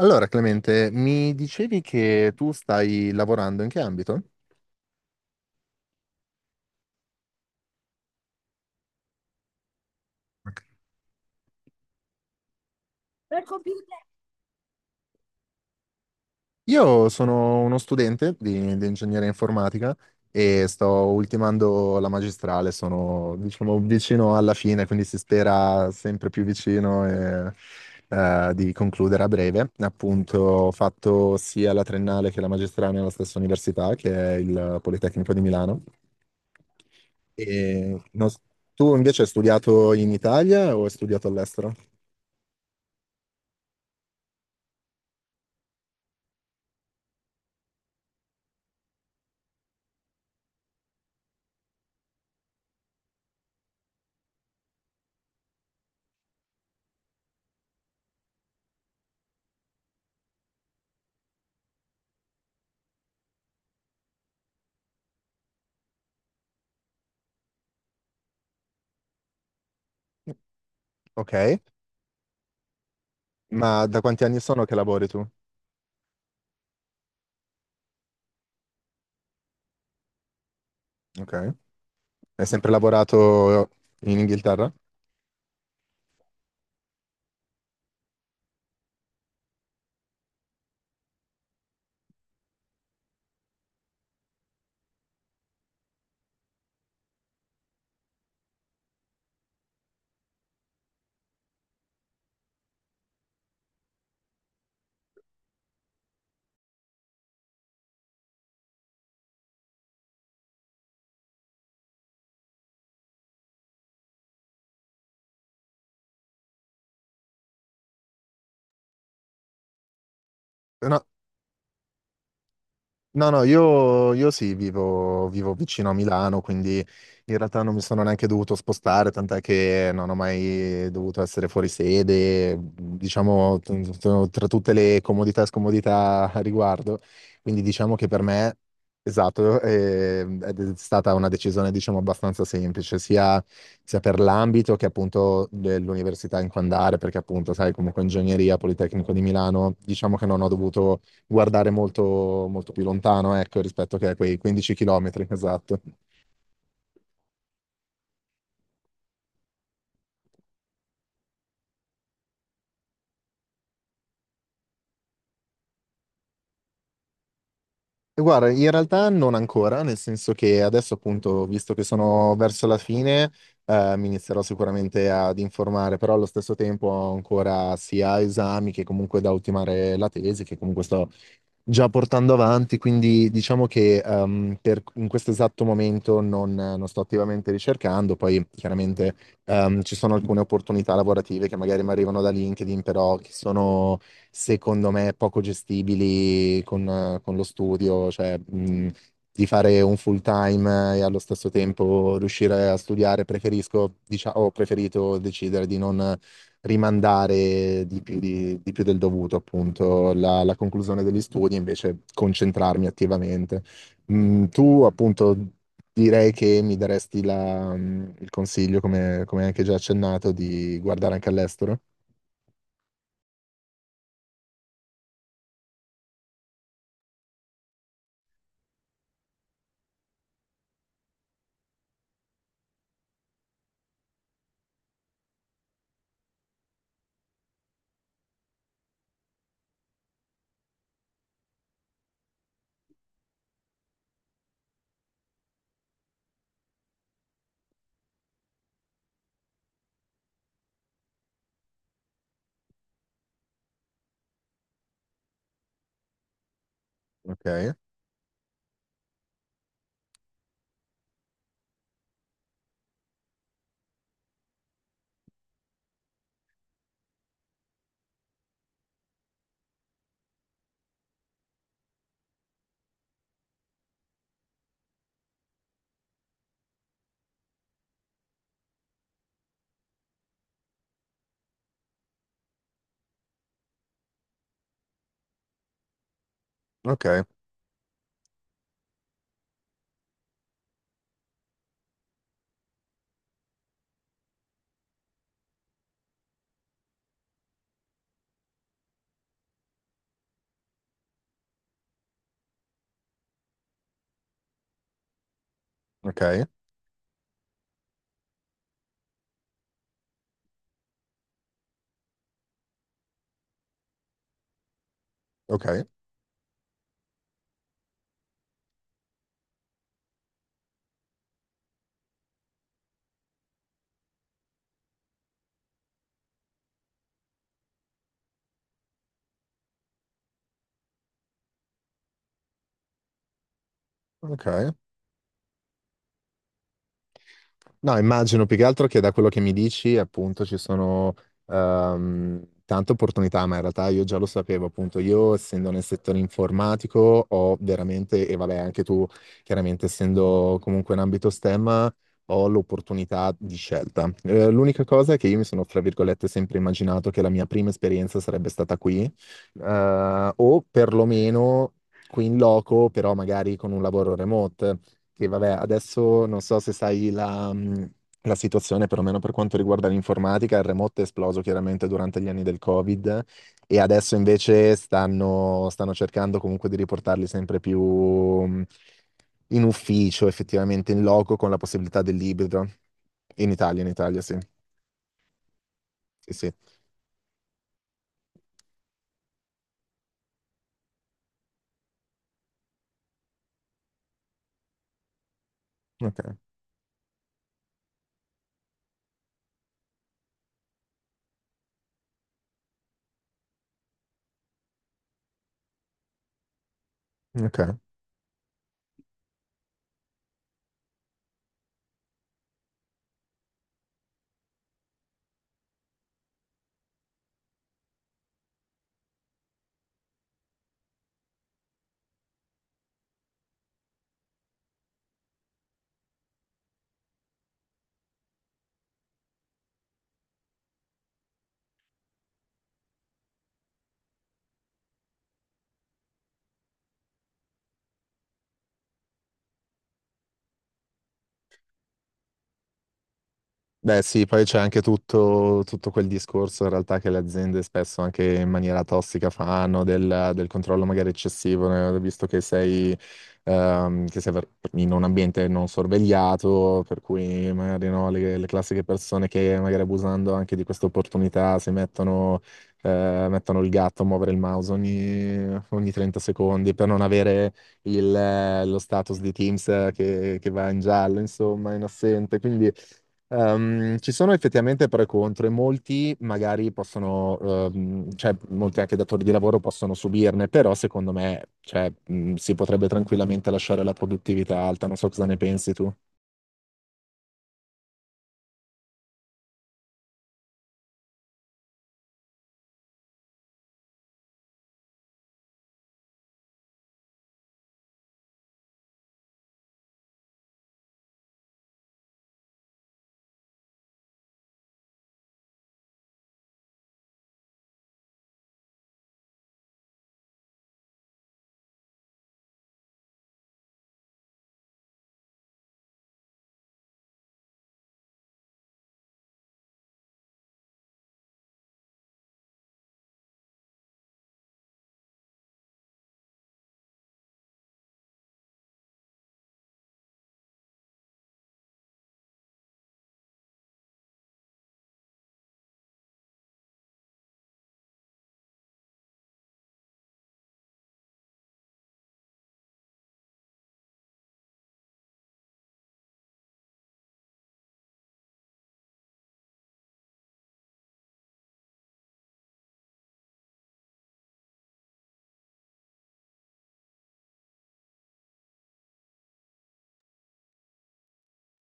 Allora, Clemente, mi dicevi che tu stai lavorando in che ambito? Io sono uno studente di ingegneria informatica e sto ultimando la magistrale, sono diciamo vicino alla fine, quindi si spera sempre più vicino e, di concludere a breve. Appunto, ho fatto sia la triennale che la magistrale nella stessa università, che è il Politecnico di Milano. E non s- Tu invece hai studiato in Italia o hai studiato all'estero? Ok, ma da quanti anni sono che lavori tu? Ok. Hai sempre lavorato in Inghilterra? No. No, no, io sì, vivo, vivo vicino a Milano, quindi in realtà non mi sono neanche dovuto spostare, tant'è che non ho mai dovuto essere fuori sede, mhmm, diciamo, tra tutte le comodità e scomodità a riguardo. Quindi diciamo che per me, esatto, è stata una decisione, diciamo, abbastanza semplice, sia, sia per l'ambito che appunto dell'università in cui andare, perché appunto, sai, comunque ingegneria, Politecnico di Milano, diciamo che non ho dovuto guardare molto, molto più lontano, ecco, rispetto che a quei 15 km, esatto. E guarda, in realtà non ancora, nel senso che adesso appunto, visto che sono verso la fine, mi inizierò sicuramente ad informare, però allo stesso tempo ho ancora sia esami che comunque da ultimare la tesi, che comunque sto già portando avanti, quindi diciamo che in questo esatto momento non sto attivamente ricercando, poi chiaramente ci sono alcune opportunità lavorative che magari mi arrivano da LinkedIn, però che sono secondo me poco gestibili con lo studio, cioè di fare un full time e allo stesso tempo riuscire a studiare, preferisco, diciamo, ho preferito decidere di non rimandare di più, di più del dovuto, appunto, la conclusione degli studi, invece concentrarmi attivamente. Mm, tu, appunto, direi che mi daresti mm, il consiglio, come, come anche già accennato, di guardare anche all'estero. Ok, ok, ok, ok, ok. No, immagino più che altro che da quello che mi dici, appunto, ci sono tante opportunità, ma in realtà io già lo sapevo, appunto, io essendo nel settore informatico ho veramente, e vabbè, anche tu, chiaramente essendo comunque in ambito STEM, ho l'opportunità di scelta. L'unica cosa è che io mi sono, fra virgolette, sempre immaginato che la mia prima esperienza sarebbe stata qui, o perlomeno qui in loco, però magari con un lavoro remote. Che vabbè, adesso non so se sai la, la situazione, perlomeno per quanto riguarda l'informatica, il remoto è esploso chiaramente durante gli anni del Covid e adesso invece stanno, stanno cercando comunque di riportarli sempre più in ufficio, effettivamente in loco, con la possibilità dell'ibrido. In Italia, sì. Sì, sì. Ok, ok. Beh sì, poi c'è anche tutto, tutto quel discorso in realtà che le aziende spesso anche in maniera tossica fanno del controllo magari eccessivo, né? Visto che sei in un ambiente non sorvegliato, per cui magari no, le classiche persone che magari abusando anche di questa opportunità si mettono, mettono il gatto a muovere il mouse ogni, ogni 30 secondi per non avere il, lo status di Teams che va in giallo, insomma, in assente. Quindi... Ci sono effettivamente pro e contro e molti magari possono, cioè molti anche datori di lavoro possono subirne, però secondo me, cioè, si potrebbe tranquillamente lasciare la produttività alta, non so cosa ne pensi tu.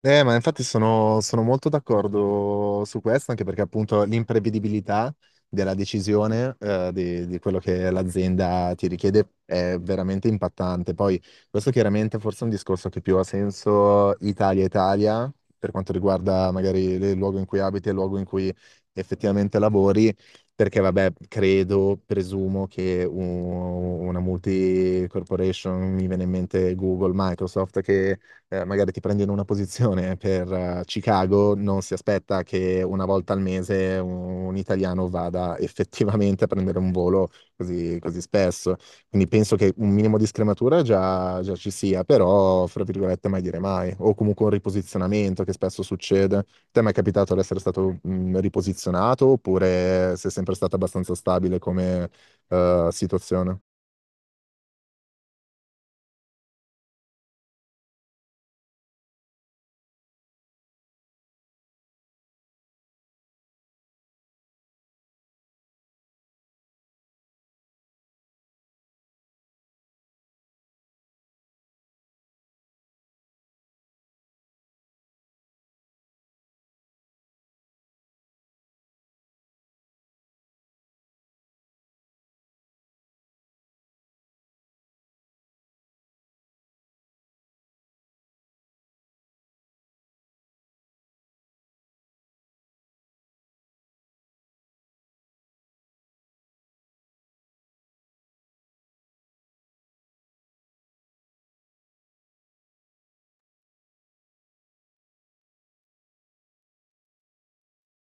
Ma infatti sono, sono molto d'accordo su questo, anche perché appunto l'imprevedibilità della decisione di quello che l'azienda ti richiede è veramente impattante. Poi questo chiaramente forse è un discorso che più ha senso Italia-Italia, per quanto riguarda magari il luogo in cui abiti e il luogo in cui effettivamente lavori, perché vabbè, credo, presumo che una multi-corporation, mi viene in mente Google, Microsoft, che magari ti prendi in una posizione per Chicago, non si aspetta che una volta al mese un italiano vada effettivamente a prendere un volo così, così spesso. Quindi penso che un minimo di scrematura già, già ci sia, però, fra virgolette, mai dire mai. O comunque un riposizionamento che spesso succede. Te mi è capitato di essere stato riposizionato oppure sei sempre stata abbastanza stabile come situazione?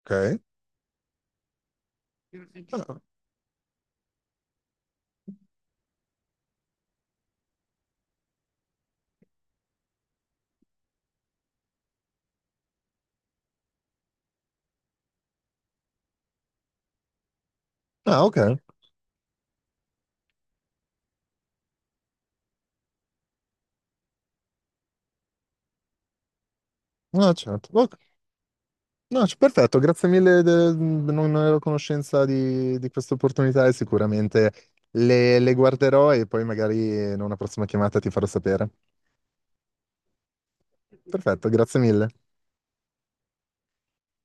Ok. Ah, ah, ok. Ah, certo. Ok, No, perfetto, grazie mille, non ero a conoscenza di questa opportunità e sicuramente le guarderò e poi magari in una prossima chiamata ti farò sapere. Perfetto, grazie mille.